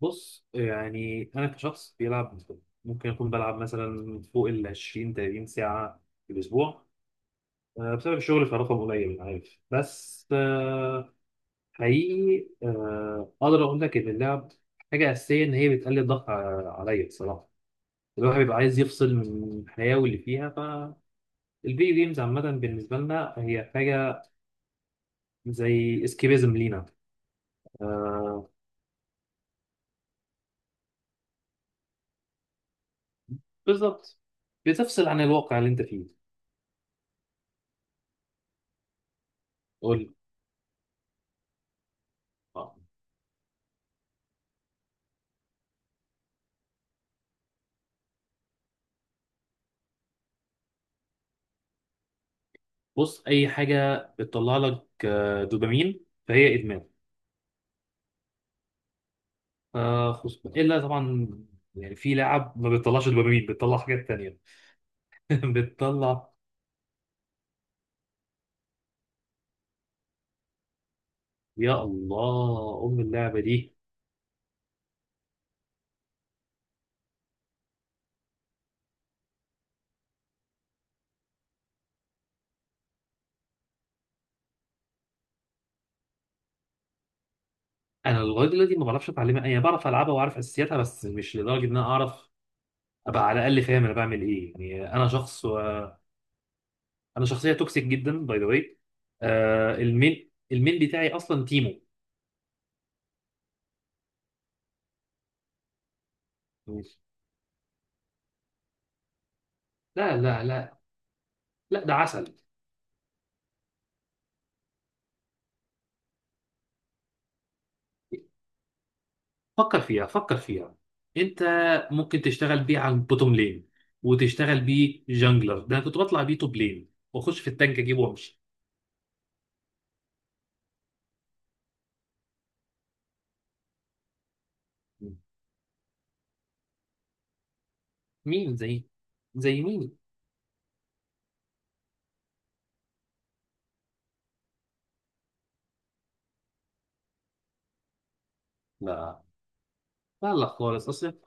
بص يعني انا كشخص بيلعب، ممكن اكون بلعب مثلا فوق ال 20 30 ساعة في الاسبوع، بسبب الشغل. فرقم قليل انا عارف، بس حقيقي اقدر اقول لك ان اللعب حاجه اساسيه. ان هي بتقلل الضغط عليا بصراحه. الواحد بيبقى عايز يفصل من الحياه واللي فيها. فالفيديو جيمز عامه بالنسبه لنا هي حاجه زي اسكيبيزم لينا. آه، بالظبط، بتفصل عن الواقع اللي انت فيه. قول. بص، اي حاجه بتطلع لك دوبامين فهي ادمان. آه، خصوصا الا طبعا. يعني في لعب ما بتطلعش دوبامين، بتطلع حاجات تانية. بتطلع. يا الله ام اللعبه دي. انا لغايه دلوقتي ما بعرفش اتعلمها، انا بعرف العبها واعرف اساسياتها بس مش لدرجه ان انا اعرف ابقى على الاقل فاهم انا بعمل ايه. يعني انا شخص انا شخصيه توكسيك جدا باي ذا واي. المين بتاعي اصلا تيمو. لا لا لا. لا ده عسل. فكر فيها، فكر فيها. انت ممكن تشتغل بيه على البوتوم لين، وتشتغل بيه جانجلر. ده انا كنت بطلع بيه توب لين واخش في التانك اجيبه وامشي. مين زي؟ زي مين؟ لا، لا لا خالص. اصل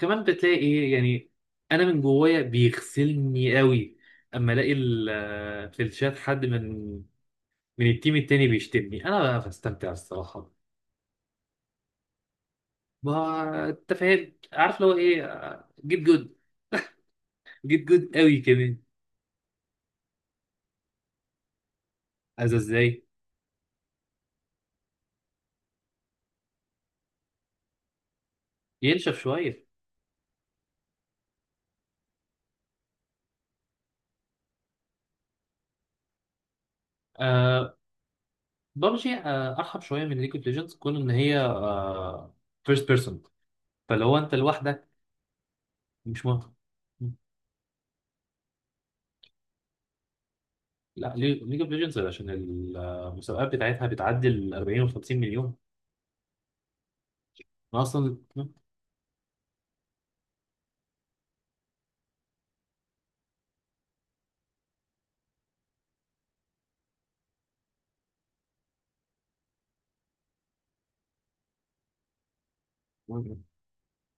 كمان بتلاقي ايه يعني؟ انا من جوايا بيغسلني قوي. اما الاقي في الشات حد من من التيم التاني بيشتمني، انا بقى بستمتع الصراحه. ما انت فاهم، عارف لو ايه؟ جيت جود. جيت جود قوي كمان. عايز ازاي؟ ينشف شويه. آه، ببجي آه ارحب شويه من ليج اوف ليجندز كون ان هي آه فيرست بيرسون، فاللي هو انت لوحدك. مش مهم. لا، ليج اوف ليجندز عشان المسابقات بتاعتها بتعدي ال 40 و 50 مليون. انا اصلا.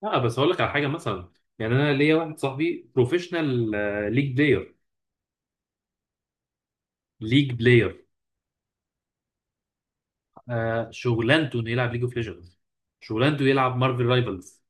لا بس اقول لك على حاجه مثلا. يعني انا ليا واحد صاحبي بروفيشنال ليج بلاير. ليج بلاير. آه، شغلانته انه يلعب ليج اوف ليجندز، شغلانته يلعب مارفل رايفلز.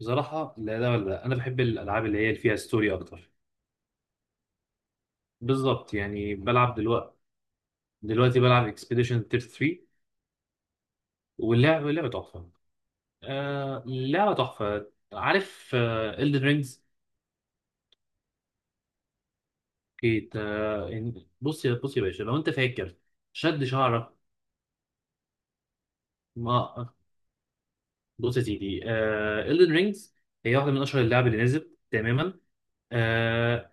بصراحة لا ده ولا ده، أنا بحب الألعاب اللي هي اللي فيها ستوري أكتر. بالظبط. يعني بلعب دلوقتي، دلوقتي بلعب اكسبيديشن تير 3. واللعبة لعبة تحفة. آه لعبة تحفة. عارف آه إلدن رينجز؟ كيت بص يا باشا لو أنت فاكر. شد شعرك. ما بص يا سيدي. آه إلدن رينجز هي واحدة من أشهر اللعب اللي نزلت تماما. آه،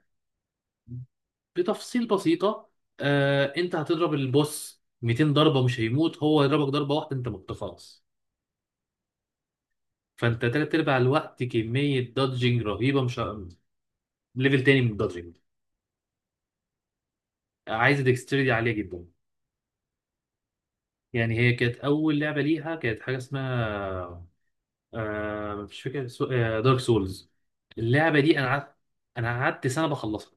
بتفصيل بسيطة. آه، انت هتضرب البوس 200 ضربة مش هيموت، هو يضربك ضربة واحدة انت مت خلاص. فانت تلات ارباع الوقت كمية دادجنج رهيبة. مش ه- ليفل تاني من الدادجنج. عايز ديكستريتي عالية جدا. يعني هي كانت أول لعبة ليها كانت حاجة اسمها آه، مش فاكر سو... آه دارك سولز. اللعبة دي أنا قعدت، أنا قعدت سنة بخلصها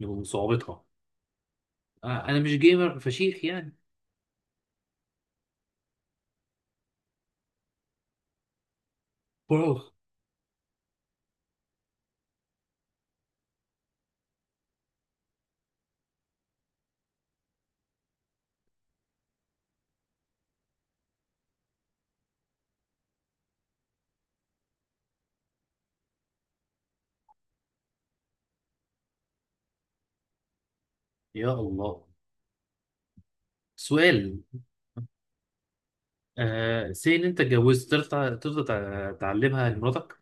من صعوبتها. آه، أنا مش جيمر فشيخ يعني. برو. يا الله. سؤال. آه سي ان انت اتجوزت، ترضى؟ ترضى تعلمها لمراتك؟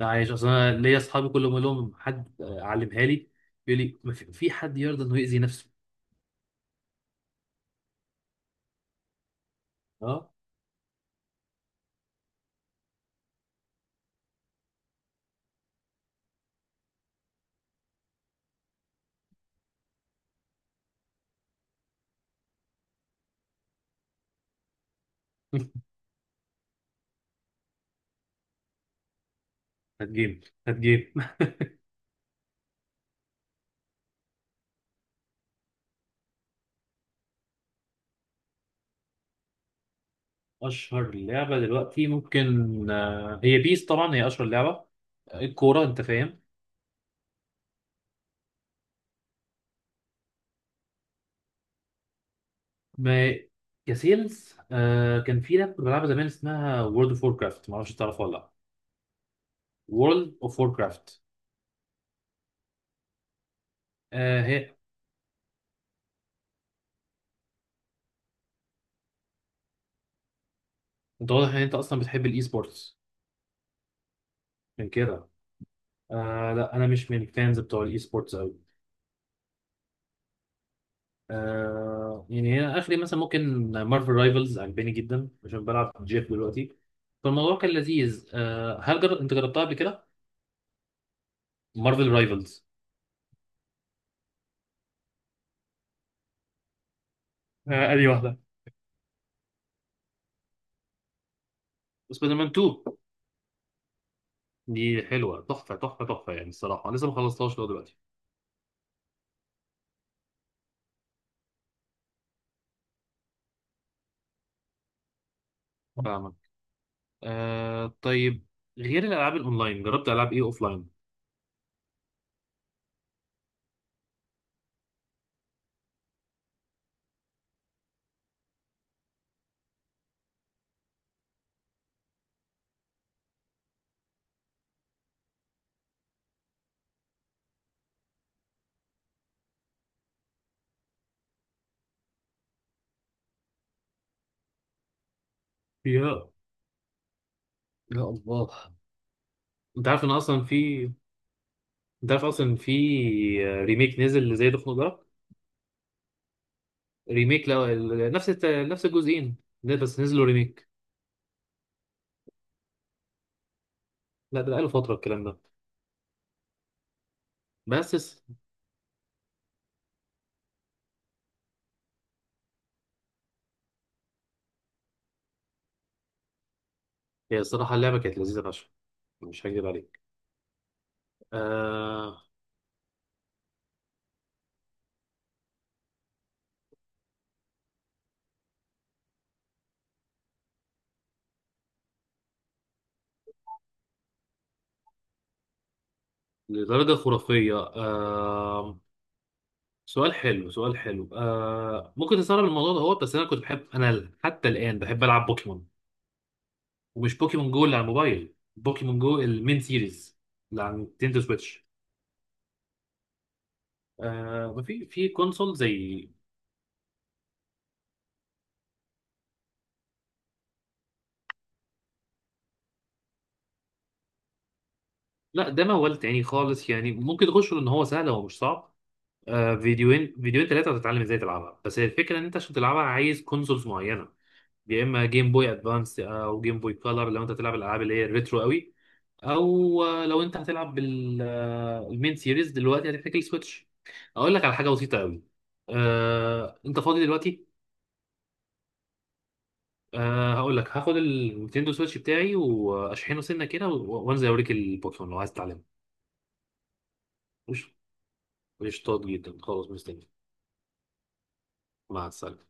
لا عايش اصل، انا ليا اصحابي كل ما اقول لهم حد آه، علمها لي، يقول لي ما في في حد يرضى انه يأذي نفسه. اه. هات جيم، هات جيم. اشهر لعبه دلوقتي ممكن آه هي بيس. طبعا هي اشهر لعبه الكوره، انت فاهم. ما كسيلز. آه، كان في لعبه كنت بلعبها زمان اسمها وورلد اوف وور كرافت. ما اعرفش تعرفها ولا لا. وورلد اوف وور كرافت. آه هي. انت واضح ان انت اصلا بتحب الاي سبورتس من كده. آه لا، انا مش من الفانز بتوع الاي سبورتس قوي. آه يعني هي اخري مثلا ممكن مارفل رايفلز عجباني جدا عشان بلعب جيف دلوقتي. فالموضوع كان لذيذ. آه هل انت جربتها قبل كده؟ مارفل رايفلز. آه، ادي واحده. سبايدر مان 2 دي حلوه تحفه تحفه تحفه يعني. الصراحه لسه ما خلصتهاش لغايه دلوقتي. فاهمك. آه طيب، غير الالعاب الاونلاين جربت العاب ايه اوفلاين؟ يا يا الله. انت عارف ان اصلا في، انت عارف اصلا في ريميك نزل لزي ده؟ في ريميك لو ال- نفس الت- نفس الجزئين. لا، بس نزلوا ريميك. لا ده بقاله فترة الكلام ده. بس الس- هي الصراحة اللعبة كانت لذيذة فشخ. مش هكذب عليك. آه لدرجة خرافية. آه، سؤال حلو، سؤال حلو. آه، ممكن تستغرب الموضوع ده، هو بس أنا كنت بحب، أنا حتى الآن بحب ألعب بوكيمون. ومش بوكيمون جو اللي على الموبايل، بوكيمون جو المين سيريز اللي على نينتندو سويتش. آه، ما في في كونسول زي. لا ده موال تاني خالص، يعني ممكن تخش ان هو سهل، هو مش صعب. فيديوين 3 هتتعلم ازاي تلعبها. بس هي الفكرة ان انت عشان تلعبها عايز كونسولز معينة. يا اما جيم بوي ادفانس او جيم بوي كولر لو انت هتلعب الالعاب اللي هي الريترو قوي، او لو انت هتلعب بالمين سيريز دلوقتي هتحتاج السويتش. اقول لك على حاجة بسيطة قوي. انت فاضي دلوقتي؟ هقول لك، هاخد النينتندو سويتش بتاعي واشحنه سنة كده وانزل اوريك البوكيمون لو عايز تتعلمه. قشطات جدا، خلاص مستني. مع السلامة.